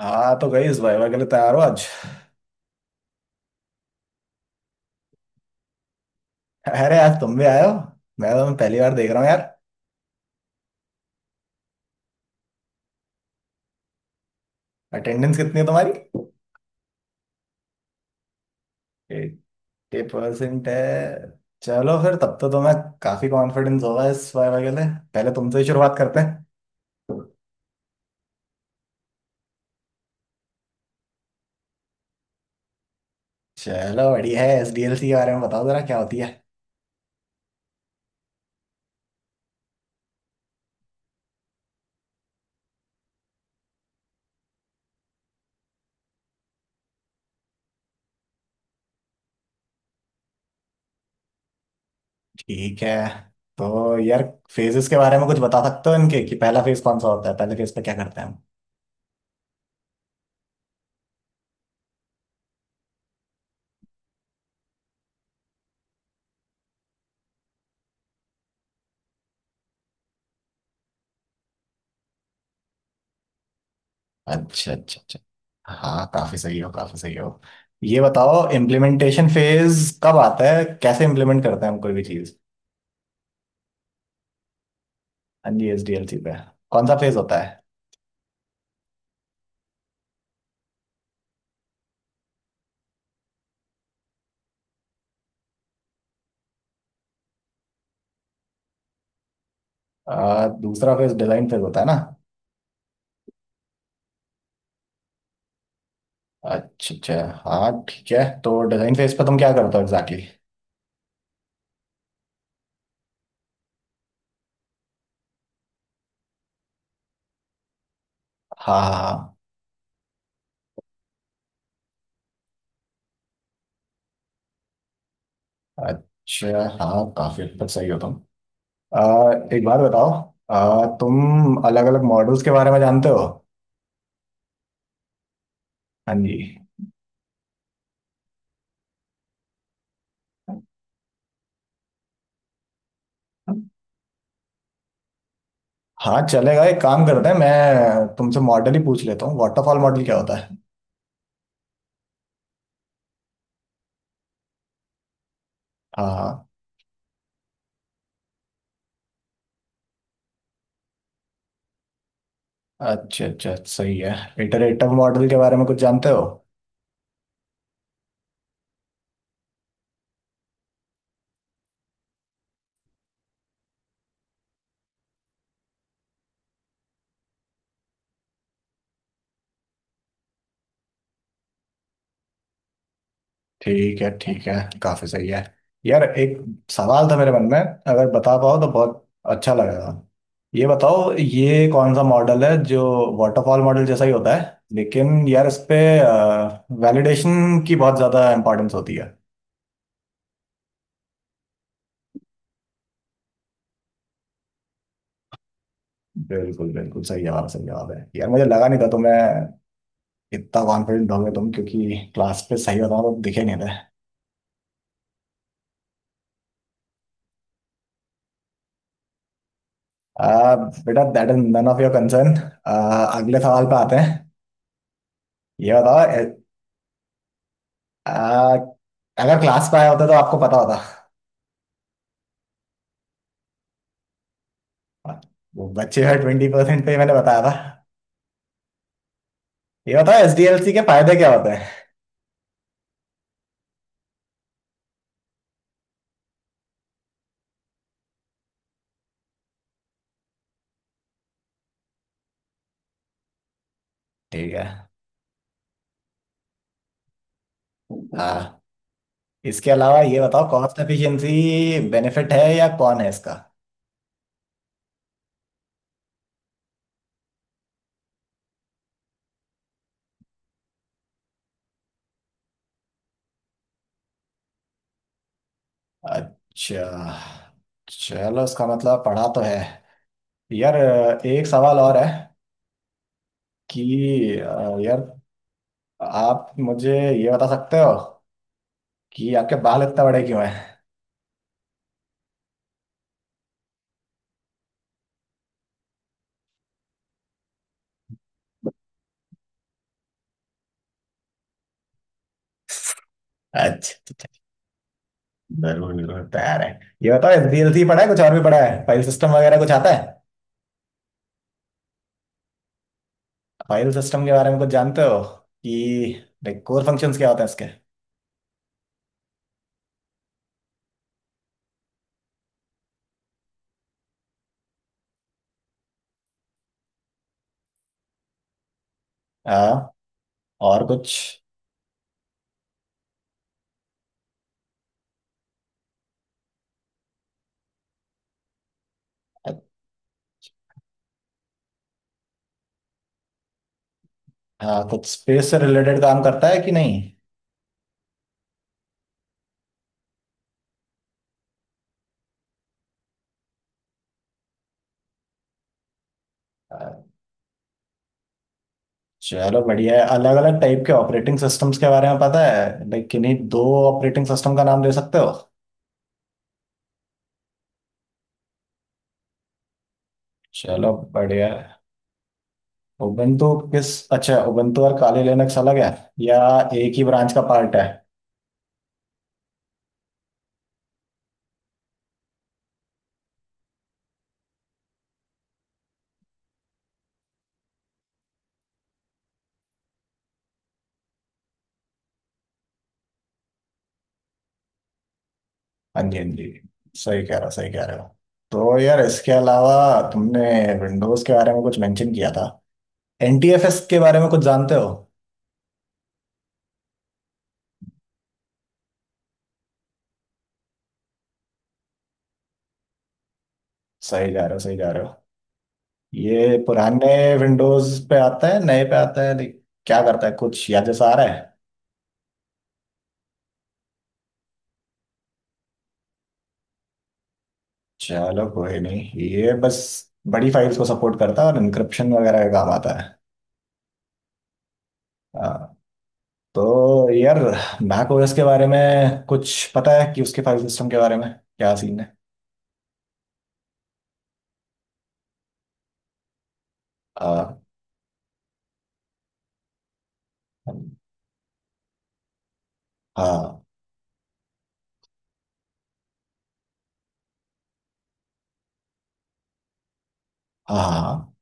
हाँ, तो गई इस भाई के लिए तैयार हो आज? अरे, आज तुम भी आए हो। मैं तुम्हें पहली बार देख रहा हूँ यार। अटेंडेंस कितनी है तुम्हारी? 80% है। चलो, फिर तब तो तुम्हें काफी कॉन्फिडेंस होगा इस वाइवा के लिए। पहले तुमसे ही शुरुआत करते हैं। चलो, बढ़िया है। एसडीएलसी के बारे में बताओ जरा, क्या होती है? ठीक है। तो यार, फेजेस के बारे में कुछ बता सकते हो इनके? कि पहला फेज कौन सा होता है, पहले फेज पे क्या करते हैं? अच्छा, अच्छा, अच्छा। हाँ, काफी सही हो, काफी सही हो। ये बताओ, इम्प्लीमेंटेशन फेज कब आता है? कैसे इम्प्लीमेंट करते हैं हम कोई भी चीज? हाँ जी, SDLC पे कौन सा फेज होता है? दूसरा फेज डिजाइन फेज होता है ना? अच्छा, अच्छा। हाँ, ठीक है। तो डिजाइन फेज पे तुम क्या करते हो एग्जैक्टली? हाँ, हाँ। हाँ। अच्छा, हाँ, काफी हद तक सही हो तुम। आ, एक बात बताओ। तुम अलग अलग मॉडल्स के बारे में जानते हो? हाँ जी। हाँ, चलेगा। एक काम करते हैं, मैं तुमसे मॉडल ही पूछ लेता हूँ। वाटरफॉल मॉडल क्या होता है? हाँ। अच्छा, अच्छा, सही है। इटरेटिव मॉडल के बारे में कुछ जानते हो? ठीक है, ठीक है। काफी सही है। यार एक सवाल था मेरे मन में, अगर बता पाओ तो बहुत अच्छा लगेगा। ये बताओ, ये कौन सा मॉडल है जो वाटरफॉल मॉडल जैसा ही होता है, लेकिन यार इस पे वैलिडेशन की बहुत ज्यादा इंपॉर्टेंस होती है? बिल्कुल, बिल्कुल सही जवाब, सही जवाब है यार। मुझे लगा नहीं था तुम्हें इतना कॉन्फिडेंट हो गए तुम, क्योंकि क्लास पे सही बताओ तो दिखे नहीं थे। आ, बेटा, that is none of your concern. अगले सवाल पे आते हैं। ये बताओ आ, अगर क्लास पे आया होता तो आपको पता होता। वो बच्चे हुए 20% पे ही मैंने बताया था। ये बताओ, एसडीएलसी के फायदे क्या होते हैं? ठीक है। हाँ। इसके अलावा ये बताओ, कॉस्ट एफिशिएंसी बेनिफिट है या कौन है इसका? अच्छा। चलो, इसका मतलब पढ़ा तो है। यार, एक सवाल और है कि यार, आप मुझे ये बता सकते हो कि आपके बाल इतने बड़े क्यों हैं? अच्छा, अच्छा। जरूर, जरूर, तैयार है। ये बताओ, एसडीएलसी पढ़ा है, कुछ और भी पढ़ा है? फाइल सिस्टम वगैरह कुछ आता है? फाइल सिस्टम के बारे में कुछ जानते हो? कि लाइक कोर फंक्शंस क्या होते हैं इसके? हाँ। और कुछ? हाँ, कुछ स्पेस से रिलेटेड काम करता है कि नहीं? हाँ, चलो, बढ़िया है। अलग अलग टाइप के ऑपरेटिंग सिस्टम्स के बारे में पता है? लाइक किन्हीं दो ऑपरेटिंग सिस्टम का नाम दे सकते हो? चलो, बढ़िया। उबंटू किस? अच्छा, उबंटू और काली लिनक्स अलग है या एक ही ब्रांच का पार्ट है? हाँ जी, हाँ जी। सही कह रहे हो, सही कह रहे हो। तो यार, इसके अलावा तुमने विंडोज के बारे में कुछ मेंशन किया था। NTFS के बारे में कुछ जानते हो? सही जा रहे हो, सही जा रहे हो। ये पुराने विंडोज पे आता है, नए पे आता है, लाइक क्या करता है, कुछ याद जैसा आ रहा है? चलो, कोई नहीं। ये बस बड़ी फाइल्स को सपोर्ट करता है और इंक्रिप्शन वगैरह का काम आता है। हाँ। तो यार, मैक ओएस के बारे में कुछ पता है कि उसके फाइल सिस्टम के बारे में क्या सीन है? आ, हाँ। हाँ।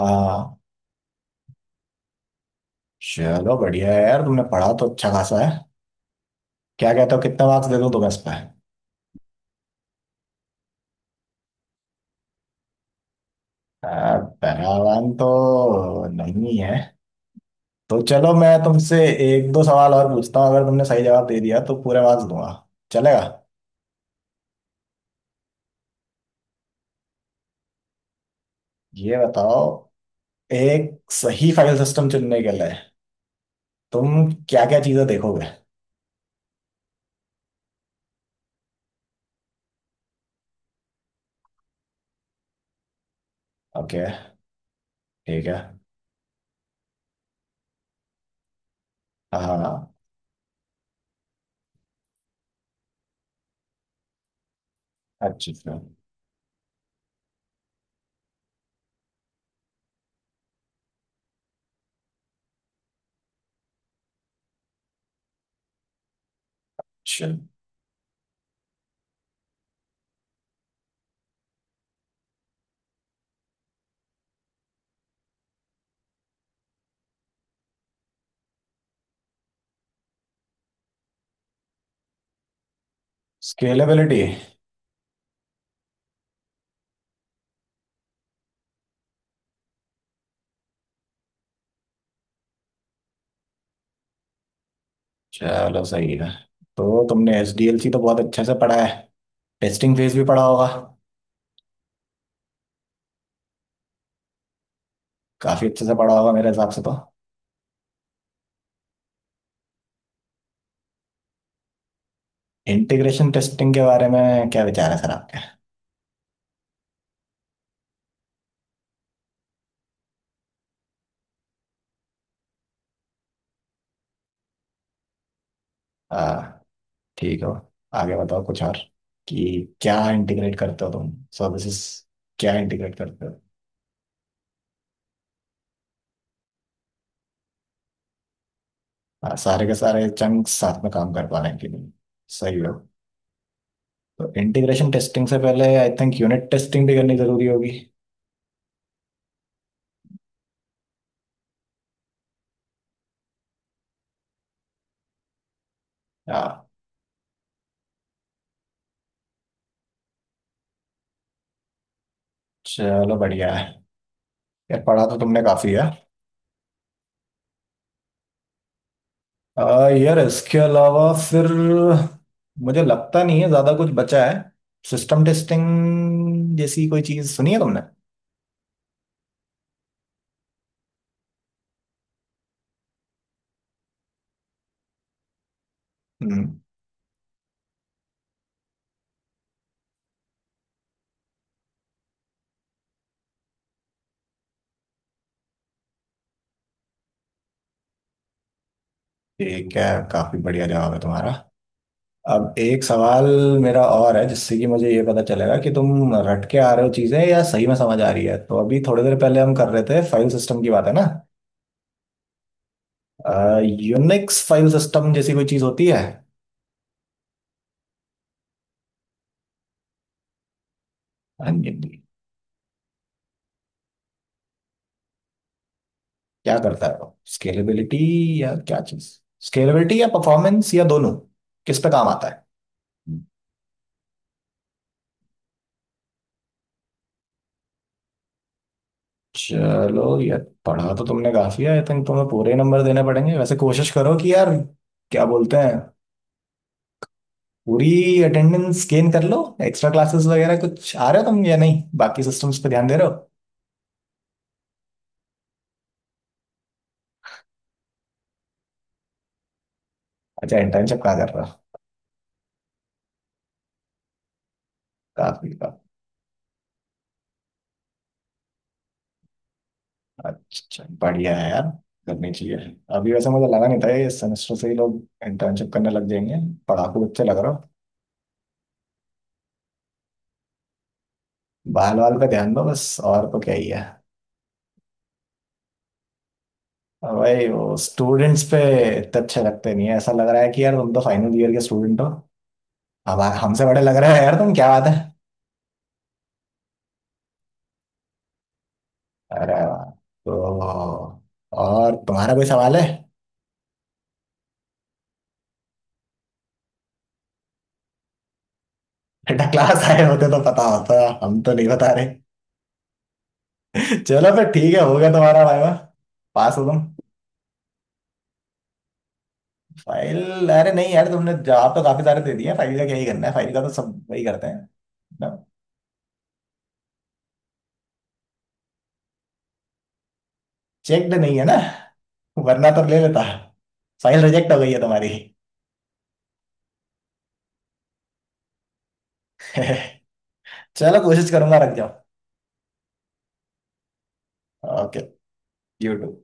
हाँ। चलो, बढ़िया है यार, तुमने पढ़ा तो अच्छा खासा है। क्या कहते हो, कितना मार्क्स दे दूं तुम्हें इस पर? पैरावान तो नहीं है, तो चलो मैं तुमसे 1-2 सवाल और पूछता हूँ। अगर तुमने सही जवाब दे दिया तो पूरे मार्क्स दूंगा। चलेगा? ये बताओ, एक सही फाइल सिस्टम चुनने के लिए तुम क्या क्या चीजें देखोगे? ओके। ठीक है। हाँ। अच्छी। चल। स्केलेबिलिटी। चलो, सही है। तो तुमने SDLC तो बहुत अच्छे से पढ़ा है, टेस्टिंग फेज भी पढ़ा होगा। काफी अच्छे से पढ़ा होगा मेरे हिसाब से तो। इंटीग्रेशन टेस्टिंग के बारे में क्या विचार है सर आपके? हाँ, ठीक हो। आगे बताओ कुछ और, कि क्या इंटीग्रेट करते हो तुम? सर्विसेज क्या इंटीग्रेट करते हो? हाँ, सारे के सारे चंक्स साथ में काम कर पाने के लिए। सही हो। तो इंटीग्रेशन टेस्टिंग से पहले आई थिंक यूनिट टेस्टिंग भी करनी जरूरी होगी। हाँ। चलो, बढ़िया है। यार पढ़ा तो तुमने काफी है। यार इसके अलावा फिर मुझे लगता नहीं है ज्यादा कुछ बचा है। सिस्टम टेस्टिंग जैसी कोई चीज सुनी है तुमने? हम्म। ठीक है, काफी बढ़िया जवाब है तुम्हारा। अब एक सवाल मेरा और है जिससे कि मुझे ये पता चलेगा कि तुम रट के आ रहे हो चीजें या सही में समझ आ रही है। तो अभी थोड़ी देर पहले हम कर रहे थे फाइल सिस्टम की बात, है ना? यूनिक्स फाइल सिस्टम जैसी कोई चीज होती है? हाँ जी। क्या करता है वो, स्केलेबिलिटी या क्या चीज, स्केलेबिलिटी या परफॉर्मेंस या दोनों? किस पे काम आता है? चलो यार, पढ़ा तो तुमने काफी है, आई थिंक तुम्हें पूरे नंबर देने पड़ेंगे। वैसे कोशिश करो कि यार, क्या बोलते हैं, पूरी अटेंडेंस गेन कर लो। एक्स्ट्रा क्लासेस वगैरह कुछ आ रहे हो तुम या नहीं? बाकी सिस्टम्स पे ध्यान दे रहे हो? अच्छा, इंटर्नशिप कहाँ कर रहे हो? काफी का। अच्छा, बढ़िया है यार, करनी चाहिए। अभी वैसे मुझे लगा नहीं था ये सेमेस्टर से ही लोग इंटर्नशिप करने लग जाएंगे। पढ़ाकू बच्चे लग रहे हो। बाल वाल पे ध्यान दो बस, और तो क्या ही है। और भाई, वो स्टूडेंट्स पे इतने अच्छे लगते नहीं है। ऐसा लग रहा है कि यार तुम तो फाइनल ईयर के स्टूडेंट हो। अब हमसे बड़े लग रहे हो यार तुम, क्या बात है। अरे वाह। तो और तुम्हारा कोई सवाल है? बेटा, क्लास आए होते तो पता होता। हम तो नहीं बता रहे। चलो फिर, ठीक है, हो गया तुम्हारा वाइवा। पास हो तुम। फाइल? अरे नहीं यार, तुमने जवाब तो काफी सारे दे दिए, फाइल का क्या ही करना है। फाइल का तो सब वही करते हैं। चेक्ड नहीं है ना, वरना तो ले लेता। फाइल रिजेक्ट हो गई है तुम्हारी। चलो, कोशिश करूंगा। रख जाओ। ओके। You to.